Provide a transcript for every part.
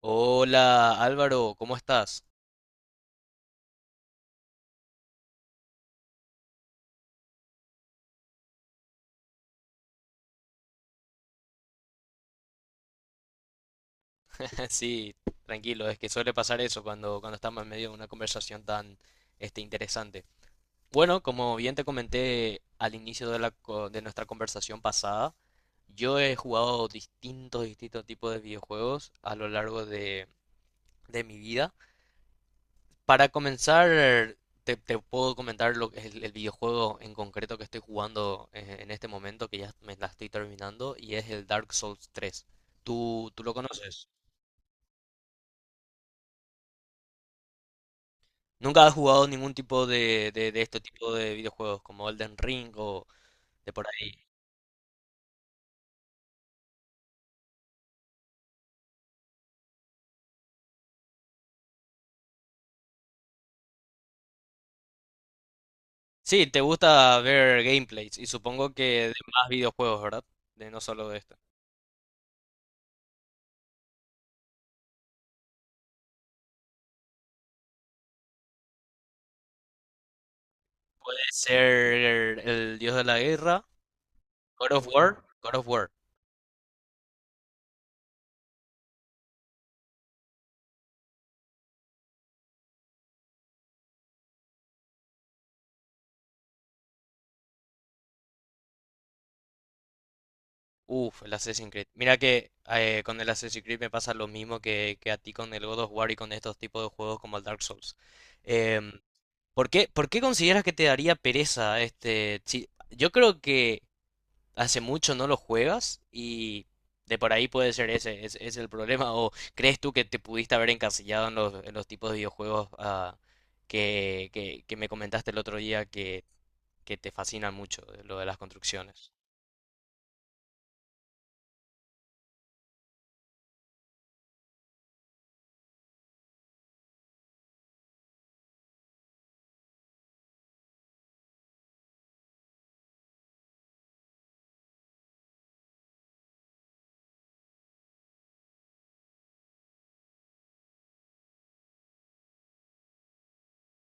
Hola Álvaro, ¿cómo estás? Sí, tranquilo, es que suele pasar eso cuando estamos en medio de una conversación tan interesante. Bueno, como bien te comenté al inicio de de nuestra conversación pasada, yo he jugado distintos tipos de videojuegos a lo largo de mi vida. Para comenzar, te puedo comentar lo que es el videojuego en concreto que estoy jugando en este momento, que ya me la estoy terminando, y es el Dark Souls tres. ¿Tú lo conoces? ¿Nunca has jugado ningún tipo de este tipo de videojuegos como Elden Ring o de por ahí? Sí, te gusta ver gameplays y supongo que de más videojuegos, ¿verdad? De no solo de esto. Puede ser el Dios de la Guerra, God of War, God of War. Uf, el Assassin's Creed. Mira que con el Assassin's Creed me pasa lo mismo que a ti con el God of War y con estos tipos de juegos como el Dark Souls. Em, ¿Por qué consideras que te daría pereza este? Si- yo creo que hace mucho no lo juegas y de por ahí puede ser es el problema. ¿O crees tú que te pudiste haber encasillado en en los tipos de videojuegos que me comentaste el otro día que te fascinan mucho, de lo de las construcciones?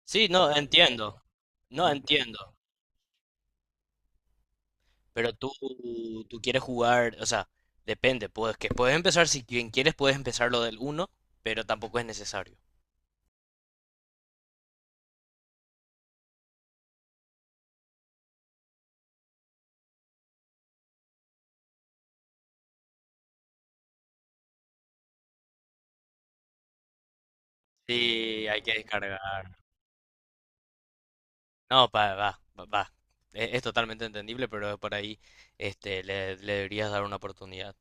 Sí, no, entiendo. No entiendo. Pero tú quieres jugar, o sea, depende, puedes, que puedes empezar, si quien quieres puedes empezar lo del uno, pero tampoco es necesario. Sí, hay que descargar. No, va, va, va. Es totalmente entendible, pero por ahí le deberías dar una oportunidad.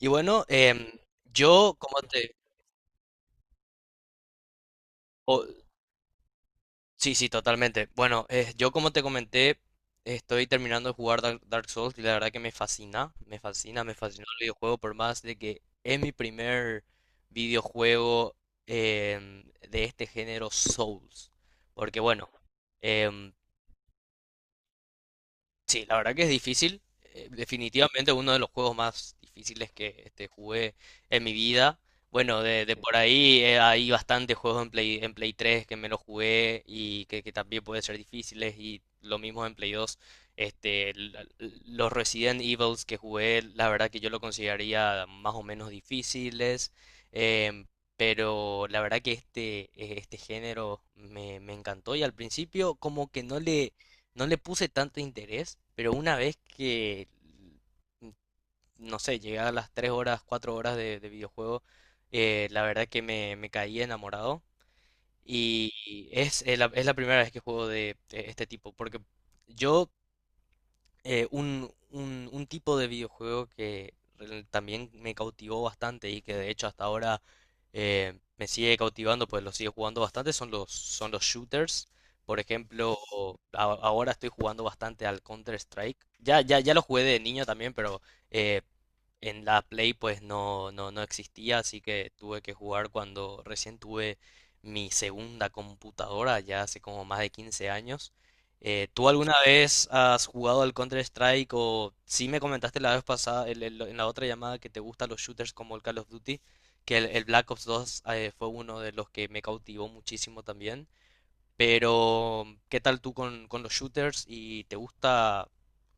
Y bueno, yo como te... o- sí, sí, totalmente. Bueno, yo como te comenté, estoy terminando de jugar Dark Souls y la verdad que me fascinó el videojuego por más de que es mi primer videojuego em, de este género Souls. Porque bueno, em, sí, la verdad que es difícil. Definitivamente uno de los juegos más difíciles que jugué en mi vida. Bueno, de sí, por ahí hay bastantes juegos en en Play 3 que me los jugué y que también pueden ser difíciles. Y lo mismo en Play 2. Este, la- los Resident Evils que jugué, la verdad que yo lo consideraría más o menos difíciles. em, pero la verdad que este género me encantó y al principio como que no le puse tanto interés, pero una vez no sé, llegué a las 3 horas, 4 horas de videojuego, la verdad que me caí enamorado. Y es la primera vez que juego de este tipo, porque yo un tipo de videojuego que también me cautivó bastante y que de hecho hasta ahora me sigue cautivando, pues lo sigo jugando bastante, son son los shooters. Por ejemplo, ahora estoy jugando bastante al Counter-Strike. Ya lo jugué de niño también, pero eh, en la Play pues no existía, así que tuve que jugar cuando recién tuve mi segunda computadora, ya hace como más de 15 años. ¿Tú alguna vez has jugado al Counter-Strike o sí me comentaste la vez pasada, en la otra llamada, que te gustan los shooters como el Call of Duty, que el Black Ops dos fue uno de los que me cautivó muchísimo también, pero ¿qué tal tú con los shooters y te gusta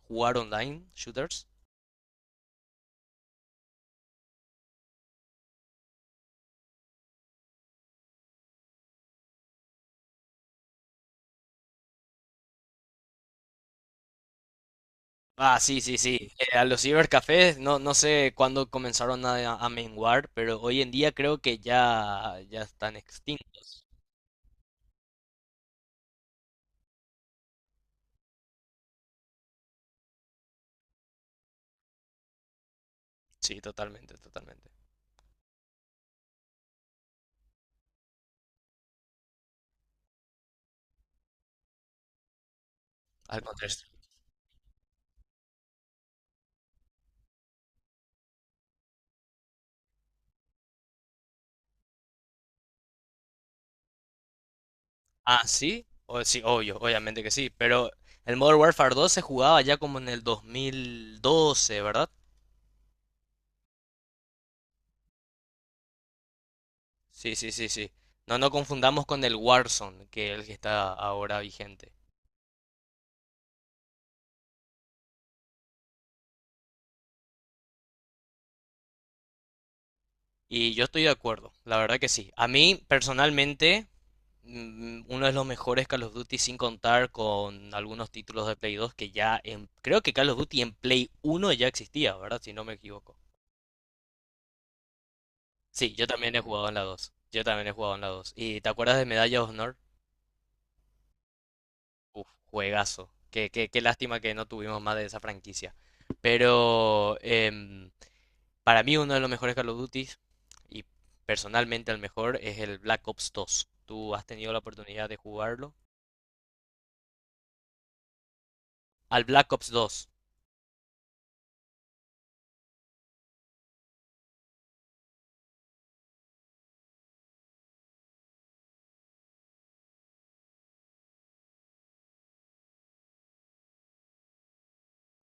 jugar online, shooters? Ah, sí, sí, sí. A los cibercafés no, no sé cuándo comenzaron a menguar, pero hoy en día creo que ya están extintos. Sí, totalmente, totalmente. Al contrario. Ah, sí, o, sí, obvio, obviamente que sí, pero el Modern Warfare dos se jugaba ya como en el 2012, ¿verdad? Sí, sí, sí, sí. No nos confundamos con el Warzone, que es el que está ahora vigente. Y yo estoy de acuerdo, la verdad que sí. A mí, personalmente, mm, uno de los mejores Call of Duty sin contar con algunos títulos de Play 2 que ya en, creo que Call of Duty en Play uno ya existía, ¿verdad? Si no me equivoco. Sí, yo también he jugado en la dos. Yo también he jugado en la dos. ¿Y te acuerdas de Medalla de Honor? Uf, juegazo. Qué lástima que no tuvimos más de esa franquicia. Pero para mí uno de los mejores Call of Duty y personalmente el mejor es el Black Ops dos. ¿Tú has tenido la oportunidad de jugarlo? ¿Al Black Ops dos?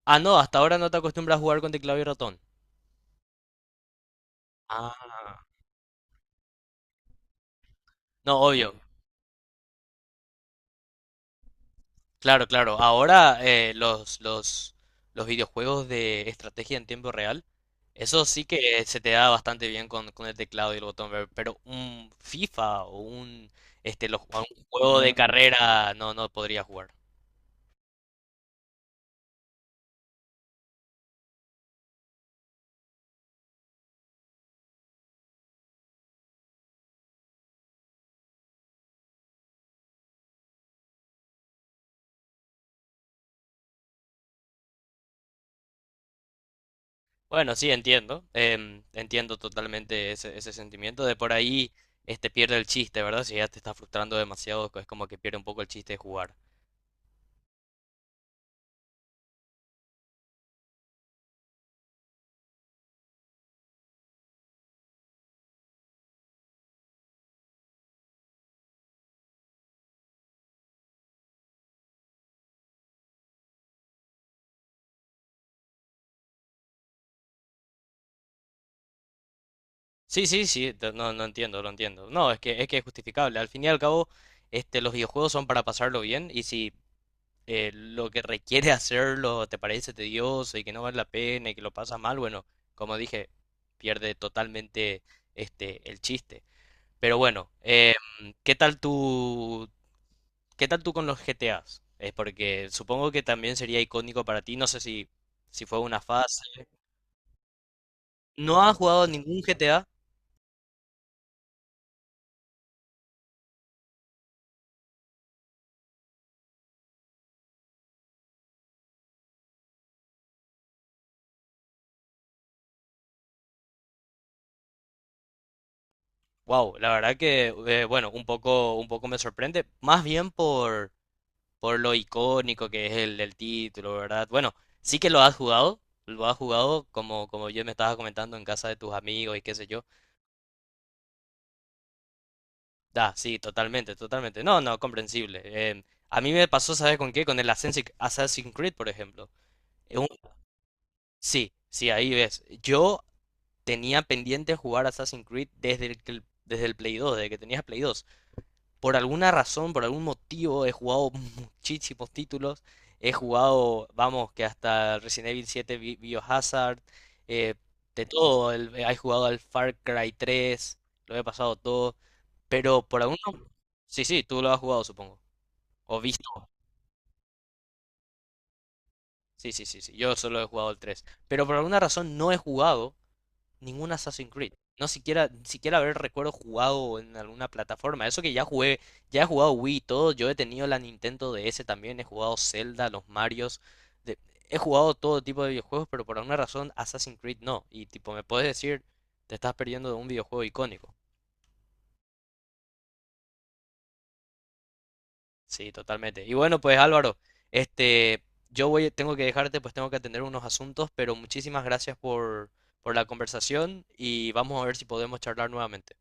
Ah, no, hasta ahora no te acostumbras a jugar con teclado y ratón. Ah, no, obvio. Claro, claro. Ahora los videojuegos de estrategia en tiempo real, eso sí que se te da bastante bien con el teclado y el botón, pero un FIFA o un juego de carrera no, no podría jugar. Bueno, sí, entiendo. Entiendo totalmente ese sentimiento. De por ahí pierde el chiste, ¿verdad? Si ya te está frustrando demasiado, es como que pierde un poco el chiste de jugar. Sí, sí, sí, no, no entiendo, lo entiendo. No, es que es justificable. Al fin y al cabo, los videojuegos son para pasarlo bien y si lo que requiere hacerlo te parece tedioso y que no vale la pena y que lo pasas mal, bueno, como dije, pierde totalmente el chiste. Pero bueno, ¿qué tal tú, ¿qué tal tú con los GTAs? Es porque supongo que también sería icónico para ti, no sé si fue una fase. ¿No has jugado ningún GTA? Wow, la verdad que, bueno, un poco me sorprende, más bien por lo icónico que es el título, ¿verdad? Bueno, sí que lo has jugado como yo me estaba comentando en casa de tus amigos y qué sé yo. Da, sí, totalmente, totalmente. No, no, comprensible. Em, a mí me pasó, ¿sabes con qué? Con el Assassin's Creed, por ejemplo. Es un- sí, sí, ahí ves. Yo tenía pendiente jugar Assassin's Creed desde desde el Play 2, desde que tenías Play 2. Por alguna razón, por algún motivo, he jugado muchísimos títulos. He jugado, vamos, que hasta Resident Evil 7, Biohazard, eh, de todo. He jugado al Far Cry 3, lo he pasado todo. Pero por alguno... Sí, sí, tú lo has jugado, supongo. O visto. Sí, sí, sí, sí. Yo solo he jugado el tres. Pero por alguna razón no he jugado ningún Assassin's Creed. No siquiera, ni siquiera haber recuerdo jugado en alguna plataforma. Eso que ya jugué, ya he jugado Wii y todo. Yo he tenido la Nintendo DS también, he jugado Zelda, los Marios. de- He jugado todo tipo de videojuegos, pero por alguna razón Assassin's Creed no. Y tipo, me puedes decir, te estás perdiendo de un videojuego icónico. Sí, totalmente. Y bueno, pues Álvaro, este, yo voy, tengo que dejarte, pues tengo que atender unos asuntos, pero muchísimas gracias por la conversación y vamos a ver si podemos charlar nuevamente.